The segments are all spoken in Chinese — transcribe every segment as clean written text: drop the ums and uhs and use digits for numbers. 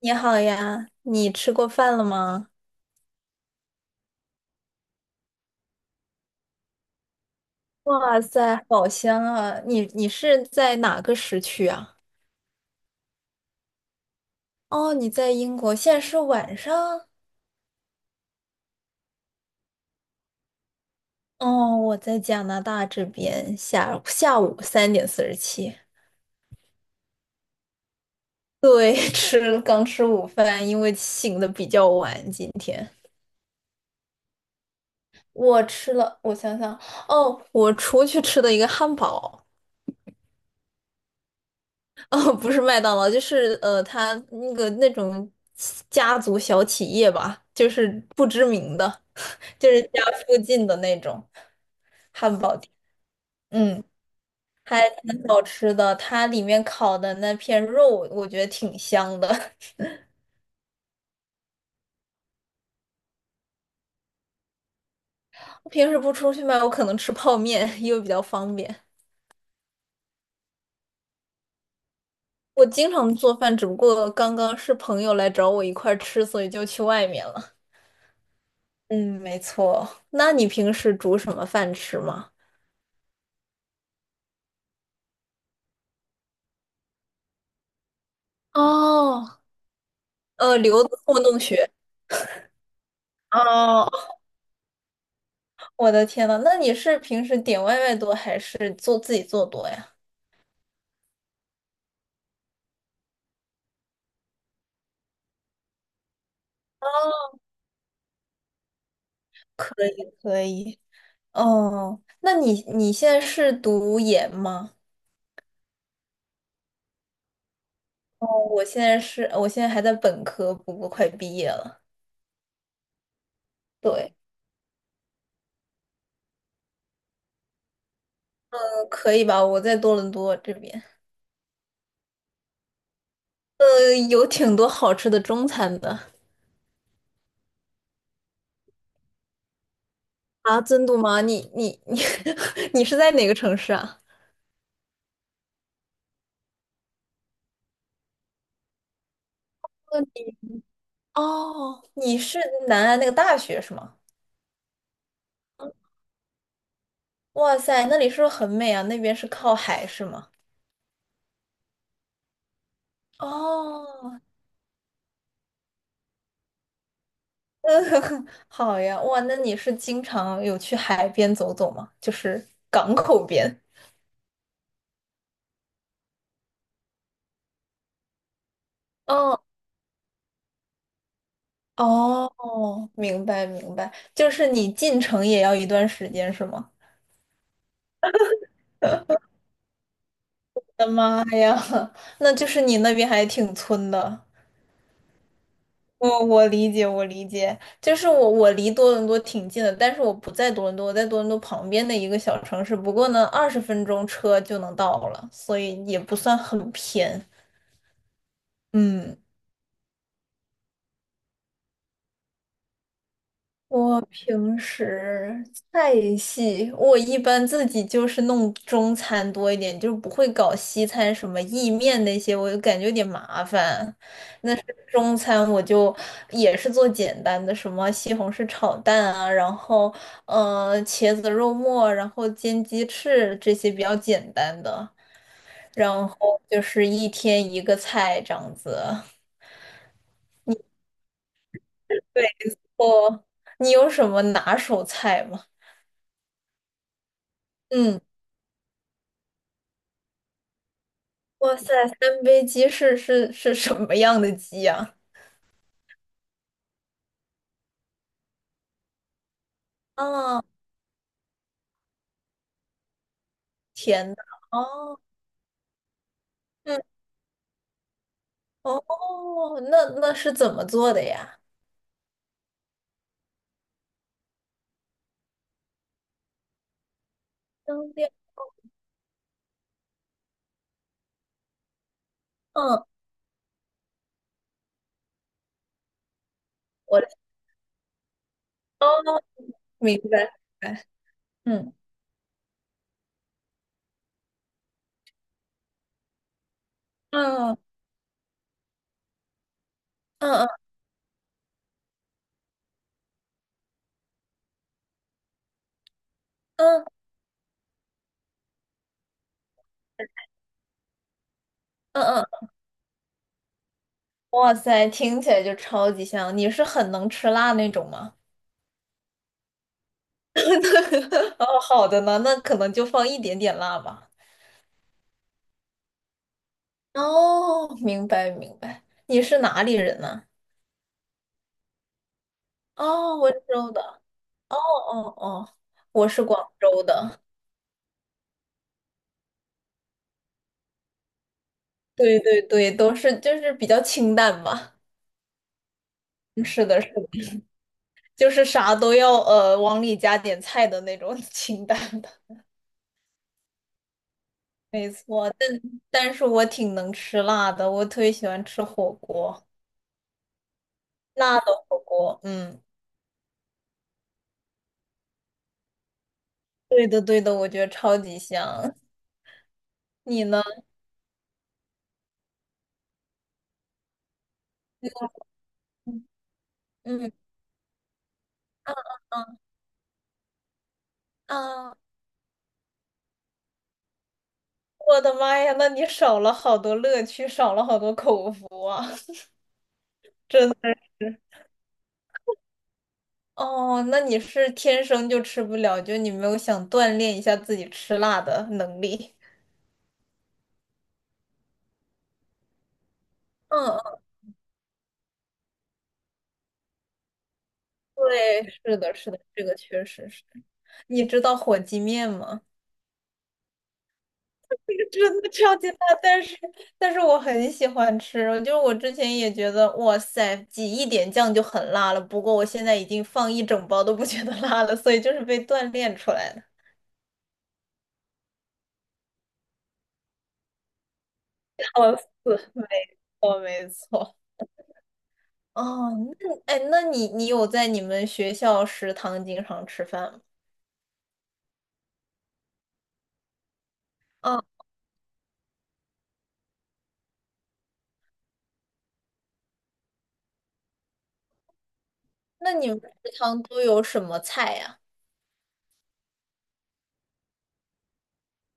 你好呀，你吃过饭了吗？哇塞，好香啊！你是在哪个时区啊？哦，你在英国，现在是晚上。哦，我在加拿大这边下午3:47。对，刚吃午饭，因为醒的比较晚。今天我吃了，我想想，哦，我出去吃的一个汉堡。哦，不是麦当劳，就是他那个那种家族小企业吧，就是不知名的，就是家附近的那种汉堡店，嗯，还挺好吃的。它里面烤的那片肉，我觉得挺香的。我平时不出去买，我可能吃泡面，因为比较方便。我经常做饭，只不过刚刚是朋友来找我一块儿吃，所以就去外面了。嗯，没错。那你平时煮什么饭吃吗？哦，留子糊弄学。哦，我的天呐，那你是平时点外卖多还是自己做多呀？哦，可以可以。哦，那你现在是读研吗？哦，我现在还在本科，不过快毕业了。对，可以吧？我在多伦多这边，有挺多好吃的中餐的。啊，真的吗？你你你 你是在哪个城市啊？哦，你是南安那个大学是吗？哇塞，那里是不是很美啊？那边是靠海是吗？哦，好呀，哇，那你是经常有去海边走走吗？就是港口边。哦哦，明白明白，就是你进城也要一段时间是吗？我的妈呀，那就是你那边还挺村的。我理解，我理解，就是我离多伦多挺近的，但是我不在多伦多，我在多伦多旁边的一个小城市，不过呢，20分钟车就能到了，所以也不算很偏。嗯，我平时菜系，我一般自己就是弄中餐多一点，就不会搞西餐什么意面那些，我就感觉有点麻烦。那是中餐，我就也是做简单的，什么西红柿炒蛋啊，然后茄子肉末，然后煎鸡翅这些比较简单的，然后就是一天一个菜这样子。对，哦，你有什么拿手菜吗？嗯。哇塞，三杯鸡是什么样的鸡呀？啊，甜的，哦，嗯，哦，那是怎么做的呀？灯料，嗯，我，哦，明白，明白，嗯嗯嗯嗯嗯嗯嗯，哇塞，听起来就超级香。你是很能吃辣那种吗？哦，好的呢，那可能就放一点点辣吧。哦，明白明白。你是哪里人呢？哦，温州的。哦哦，我是广州的，对对对，都是就是比较清淡吧。嗯，是的，是的，就是啥都要往里加点菜的那种 清淡的，没错。但是我挺能吃辣的，我特别喜欢吃火锅，辣的火锅。嗯，对的对的，我觉得超级香。你呢？嗯嗯啊啊，啊啊，我的妈呀，那你少了好多乐趣，少了好多口福啊。哦，那你是天生就吃不了，就你没有想锻炼一下自己吃辣的能力。嗯嗯，对，是的，是的，这个确实是。你知道火鸡面吗？个真的超级辣，但是我很喜欢吃。就是我之前也觉得，哇塞，挤一点酱就很辣了。不过我现在已经放一整包都不觉得辣了，所以就是被锻炼出来的。笑死，没错。哦，那哎，那你有在你们学校食堂经常吃饭吗？哦，那你们食堂都有什么菜呀？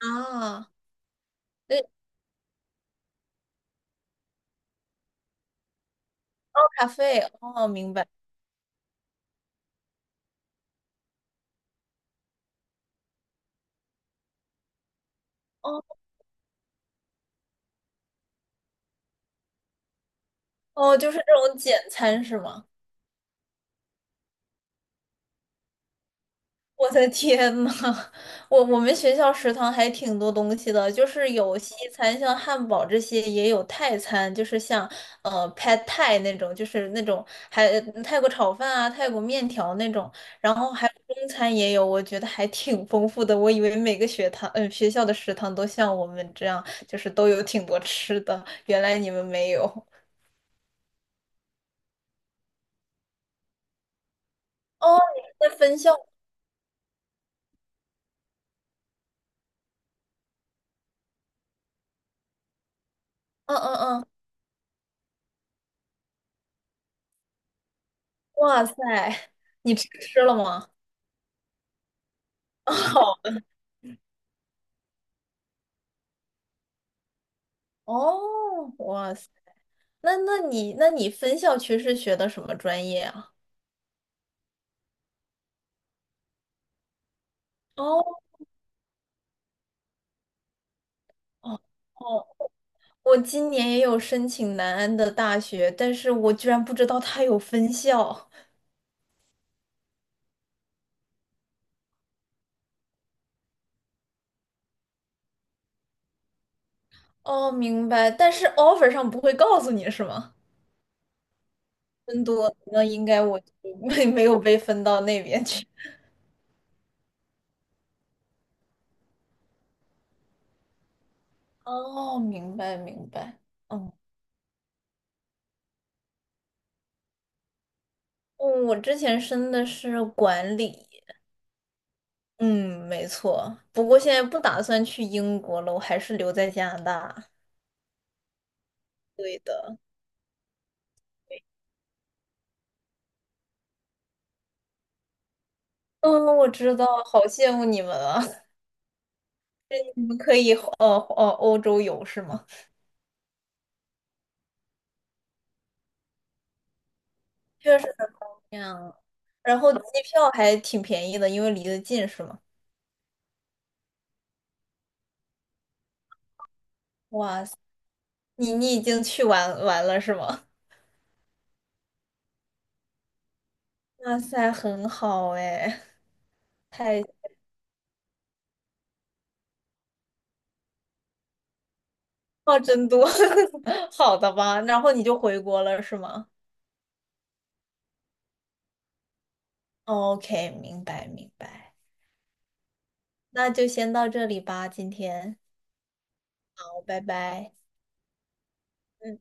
啊，对，哦，咖啡，哦，明白，哦哦，就是这种简餐是吗？我的天呐，我们学校食堂还挺多东西的，就是有西餐，像汉堡这些，也有泰餐，就是像Pad Thai 那种，就是那种还泰国炒饭啊、泰国面条那种，然后还有中餐也有，我觉得还挺丰富的。我以为每个学堂，学校的食堂都像我们这样，就是都有挺多吃的，原来你们没有。哦，你们在分校？嗯嗯嗯，哇塞，你吃了吗？哦，哇塞，那你分校区是学的什么专业啊？哦哦哦，我今年也有申请南安的大学，但是我居然不知道它有分校。哦，明白，但是 offer 上不会告诉你是吗？分多，那应该我就 没有被分到那边去。哦，明白明白。嗯，嗯我之前申的是管理，嗯，没错。不过现在不打算去英国了，我还是留在加拿大。对的，嗯，我知道，好羡慕你们啊！你们可以欧洲游是吗？确实很方便啊，然后机票还挺便宜的，因为离得近是吗？哇塞，你已经去玩玩了是吗？哇塞，很好哎，太 话真多，好的吧？然后你就回国了是吗？OK，明白明白，那就先到这里吧，今天，好，拜拜。嗯。